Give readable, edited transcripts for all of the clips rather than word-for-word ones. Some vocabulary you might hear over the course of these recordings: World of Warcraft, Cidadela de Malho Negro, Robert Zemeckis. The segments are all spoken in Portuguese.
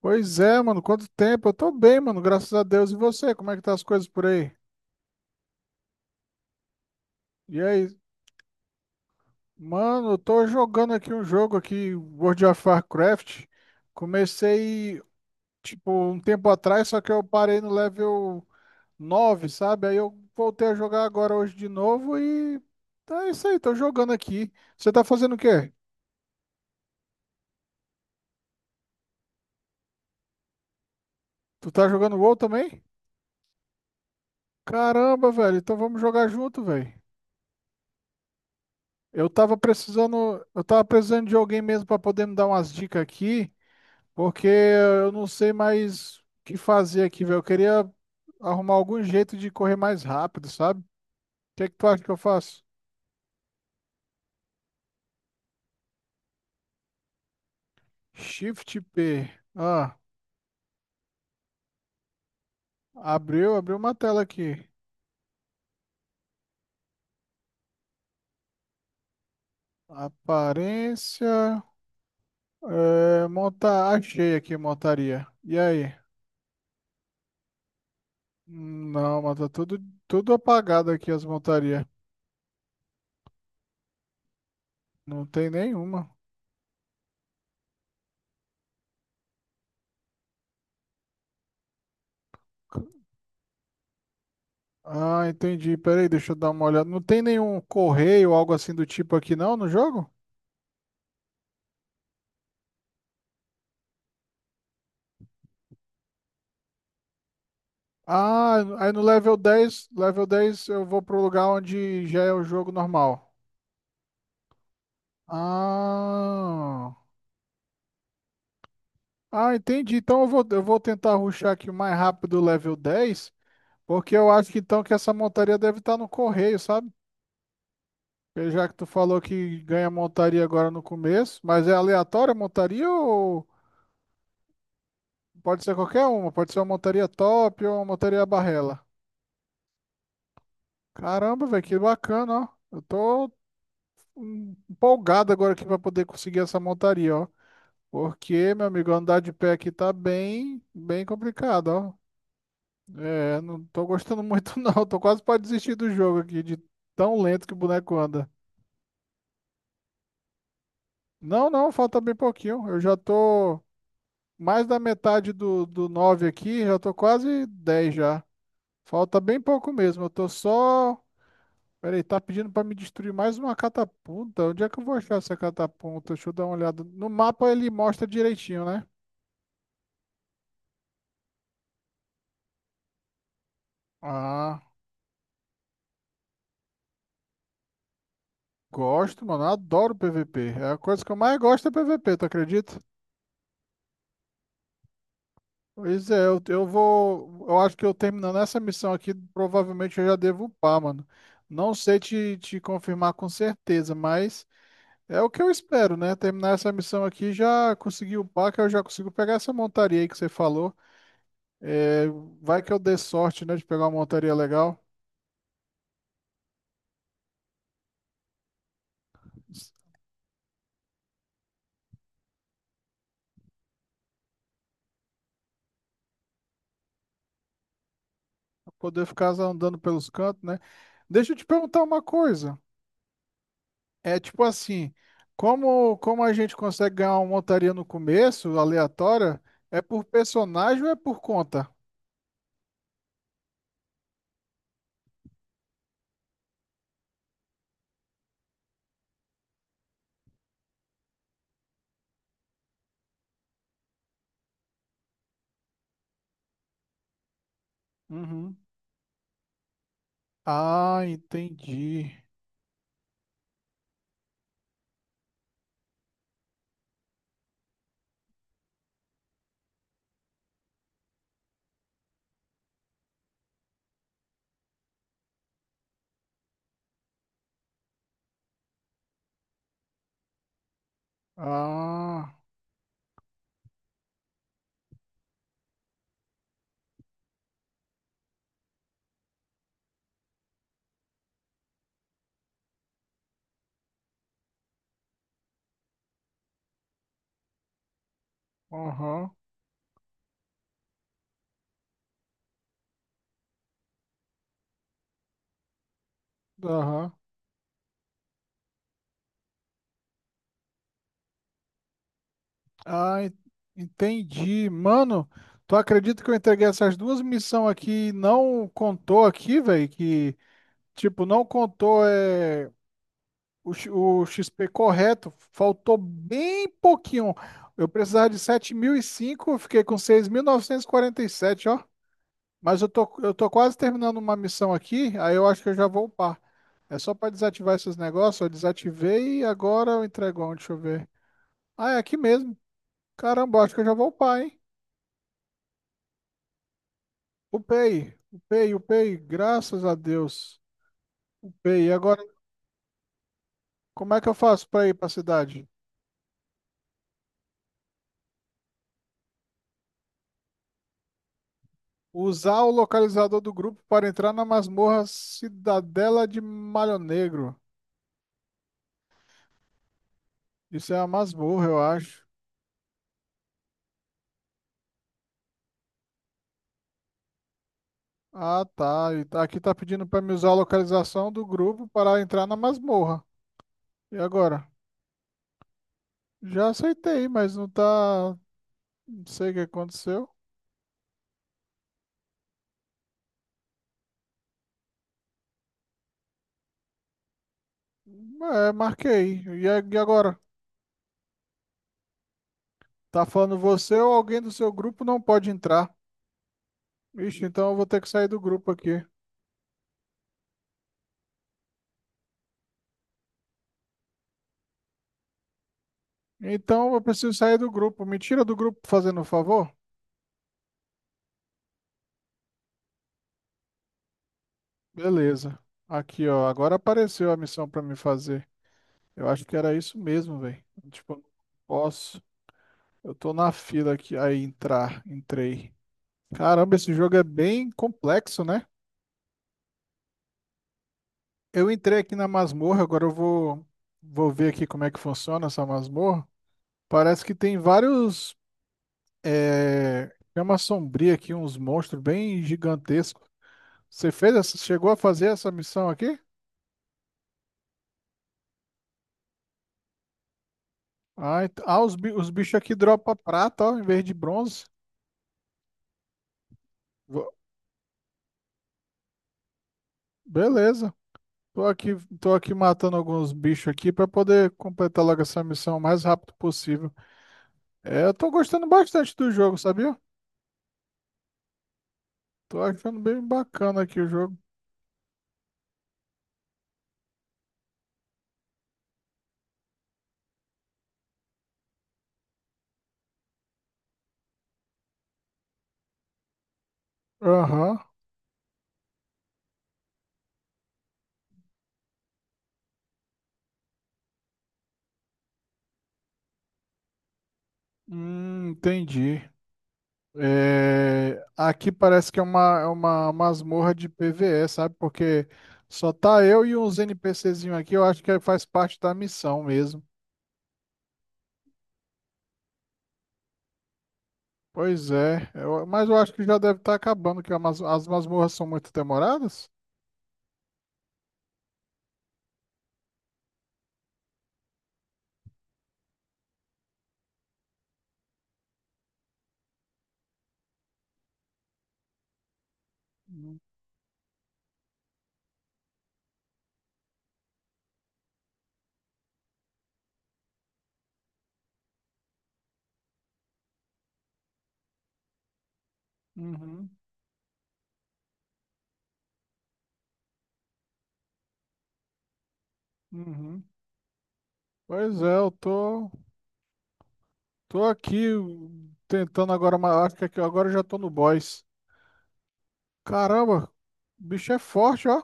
Pois é, mano, quanto tempo? Eu tô bem, mano, graças a Deus. E você, como é que tá as coisas por aí? E aí? Mano, eu tô jogando aqui um jogo aqui, World of Warcraft. Comecei, tipo, um tempo atrás, só que eu parei no level 9, sabe? Aí eu voltei a jogar agora hoje de novo e tá isso aí, tô jogando aqui. Você tá fazendo o quê? Tu tá jogando WoW também? Caramba, velho, então vamos jogar junto, velho. Eu tava precisando de alguém mesmo para poder me dar umas dicas aqui, porque eu não sei mais o que fazer aqui, velho. Eu queria arrumar algum jeito de correr mais rápido, sabe? O que é que tu acha que eu faço? Shift P. Ah, abriu uma tela aqui. Aparência, é, montar, achei aqui montaria. E aí? Não, mas tá tudo apagado aqui as montarias. Não tem nenhuma. Ah, entendi. Peraí, deixa eu dar uma olhada. Não tem nenhum correio ou algo assim do tipo aqui não no jogo? Ah, aí no level 10, eu vou pro lugar onde já é o jogo normal. Ah. Ah, entendi. Então eu vou tentar rushar aqui o mais rápido o level 10, porque eu acho que então que essa montaria deve estar no correio, sabe? Porque já que tu falou que ganha montaria agora no começo, mas é aleatória a montaria ou pode ser qualquer uma? Pode ser uma montaria top ou uma montaria barrela? Caramba, velho, que bacana, ó. Eu tô empolgado agora aqui pra poder conseguir essa montaria, ó. Porque, meu amigo, andar de pé aqui tá bem, bem complicado, ó. É, não tô gostando muito, não. Tô quase pra desistir do jogo aqui, de tão lento que o boneco anda. Não, não, falta bem pouquinho. Eu já tô mais da metade do 9 aqui, já tô quase 10 já. Falta bem pouco mesmo. Eu tô só peraí, tá pedindo pra me destruir mais uma catapulta? Onde é que eu vou achar essa catapulta? Deixa eu dar uma olhada. No mapa ele mostra direitinho, né? Ah, gosto, mano. Adoro PVP. É a coisa que eu mais gosto é PVP, tu acredita? Pois é, eu vou. Eu acho que eu terminando essa missão aqui, provavelmente eu já devo upar, mano. Não sei te confirmar com certeza, mas é o que eu espero, né? Terminar essa missão aqui, já consegui upar, que eu já consigo pegar essa montaria aí que você falou. É, vai que eu dê sorte, né, de pegar uma montaria legal, pra poder ficar andando pelos cantos, né? Deixa eu te perguntar uma coisa. É tipo assim, como a gente consegue ganhar uma montaria no começo, aleatória, é por personagem ou é por conta? Uhum. Ah, entendi. Ah, aham, aham. Ah, entendi. Mano, tu acredita que eu entreguei essas duas missões aqui e não contou aqui, velho? Que, tipo, não contou é, o XP correto. Faltou bem pouquinho. Eu precisava de 7.005, eu fiquei com seis mil novecentos e quarenta e sete, ó. Mas eu tô quase terminando uma missão aqui, aí eu acho que eu já vou upar. É só pra desativar esses negócios, eu desativei e agora eu entrego onde? Deixa eu ver. Ah, é aqui mesmo. Caramba, acho que eu já vou upar, hein? Upei, upei, upei, graças a Deus. Upei. E agora, como é que eu faço para ir para a cidade? Usar o localizador do grupo para entrar na masmorra Cidadela de Malho Negro. Isso é a masmorra, eu acho. Ah, tá. Aqui tá pedindo para me usar a localização do grupo para entrar na masmorra. E agora? Já aceitei, mas não tá. Não sei o que aconteceu. É, marquei. E agora? Tá falando você ou alguém do seu grupo não pode entrar? Ixi, então eu vou ter que sair do grupo aqui. Então eu preciso sair do grupo. Me tira do grupo fazendo um favor? Beleza. Aqui, ó. Agora apareceu a missão pra me fazer. Eu acho que era isso mesmo, velho. Tipo, eu não posso. Eu tô na fila aqui. Aí, entrar. Entrei. Caramba, esse jogo é bem complexo, né? Eu entrei aqui na masmorra. Agora eu vou ver aqui como é que funciona essa masmorra. Parece que tem vários. É... chama sombria aqui, uns monstros bem gigantescos. Você fez essa, chegou a fazer essa missão aqui? Os bichos aqui dropam prata, ó, em vez de bronze. Vo- Beleza. Tô aqui, matando alguns bichos aqui pra poder completar logo essa missão o mais rápido possível. É, eu tô gostando bastante do jogo, sabia? Tô achando bem bacana aqui o jogo. Aham. Entendi. É, aqui parece que é uma masmorra de PvE, sabe? Porque só tá eu e uns NPCzinhos aqui, eu acho que faz parte da missão mesmo. Pois é, mas eu acho que já deve estar acabando, que as masmorras são muito demoradas. Uhum, uhum. Uhum. Pois é, eu tô aqui tentando agora, acho que agora eu já tô no boss. Caramba, o bicho é forte, ó.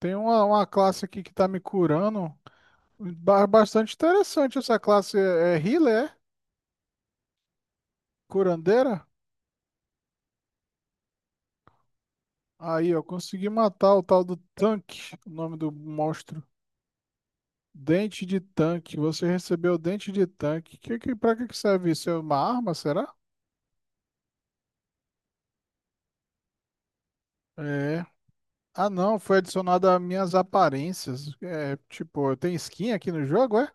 Tem uma classe aqui que tá me curando. Bastante interessante essa classe, é healer, é? Curandeira. Aí, eu consegui matar o tal do tanque, o nome do monstro. Dente de tanque, você recebeu dente de tanque. Pra que que serve isso? É uma arma, será? É. Ah, não, foi adicionado às minhas aparências. É, tipo, tem skin aqui no jogo, é?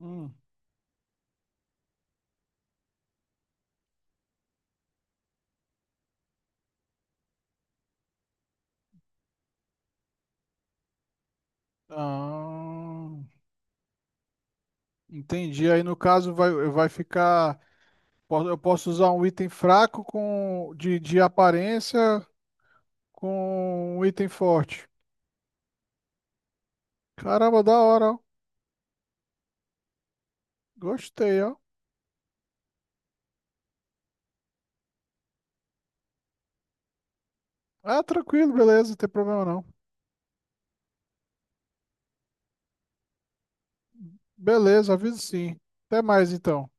Hum. Ah, entendi. Aí no caso vai ficar. Eu posso usar um item fraco com de aparência com um item forte. Caramba, da hora, ó. Gostei, ó. Ah, tranquilo, beleza, não tem problema não. Beleza, aviso sim. Até mais então.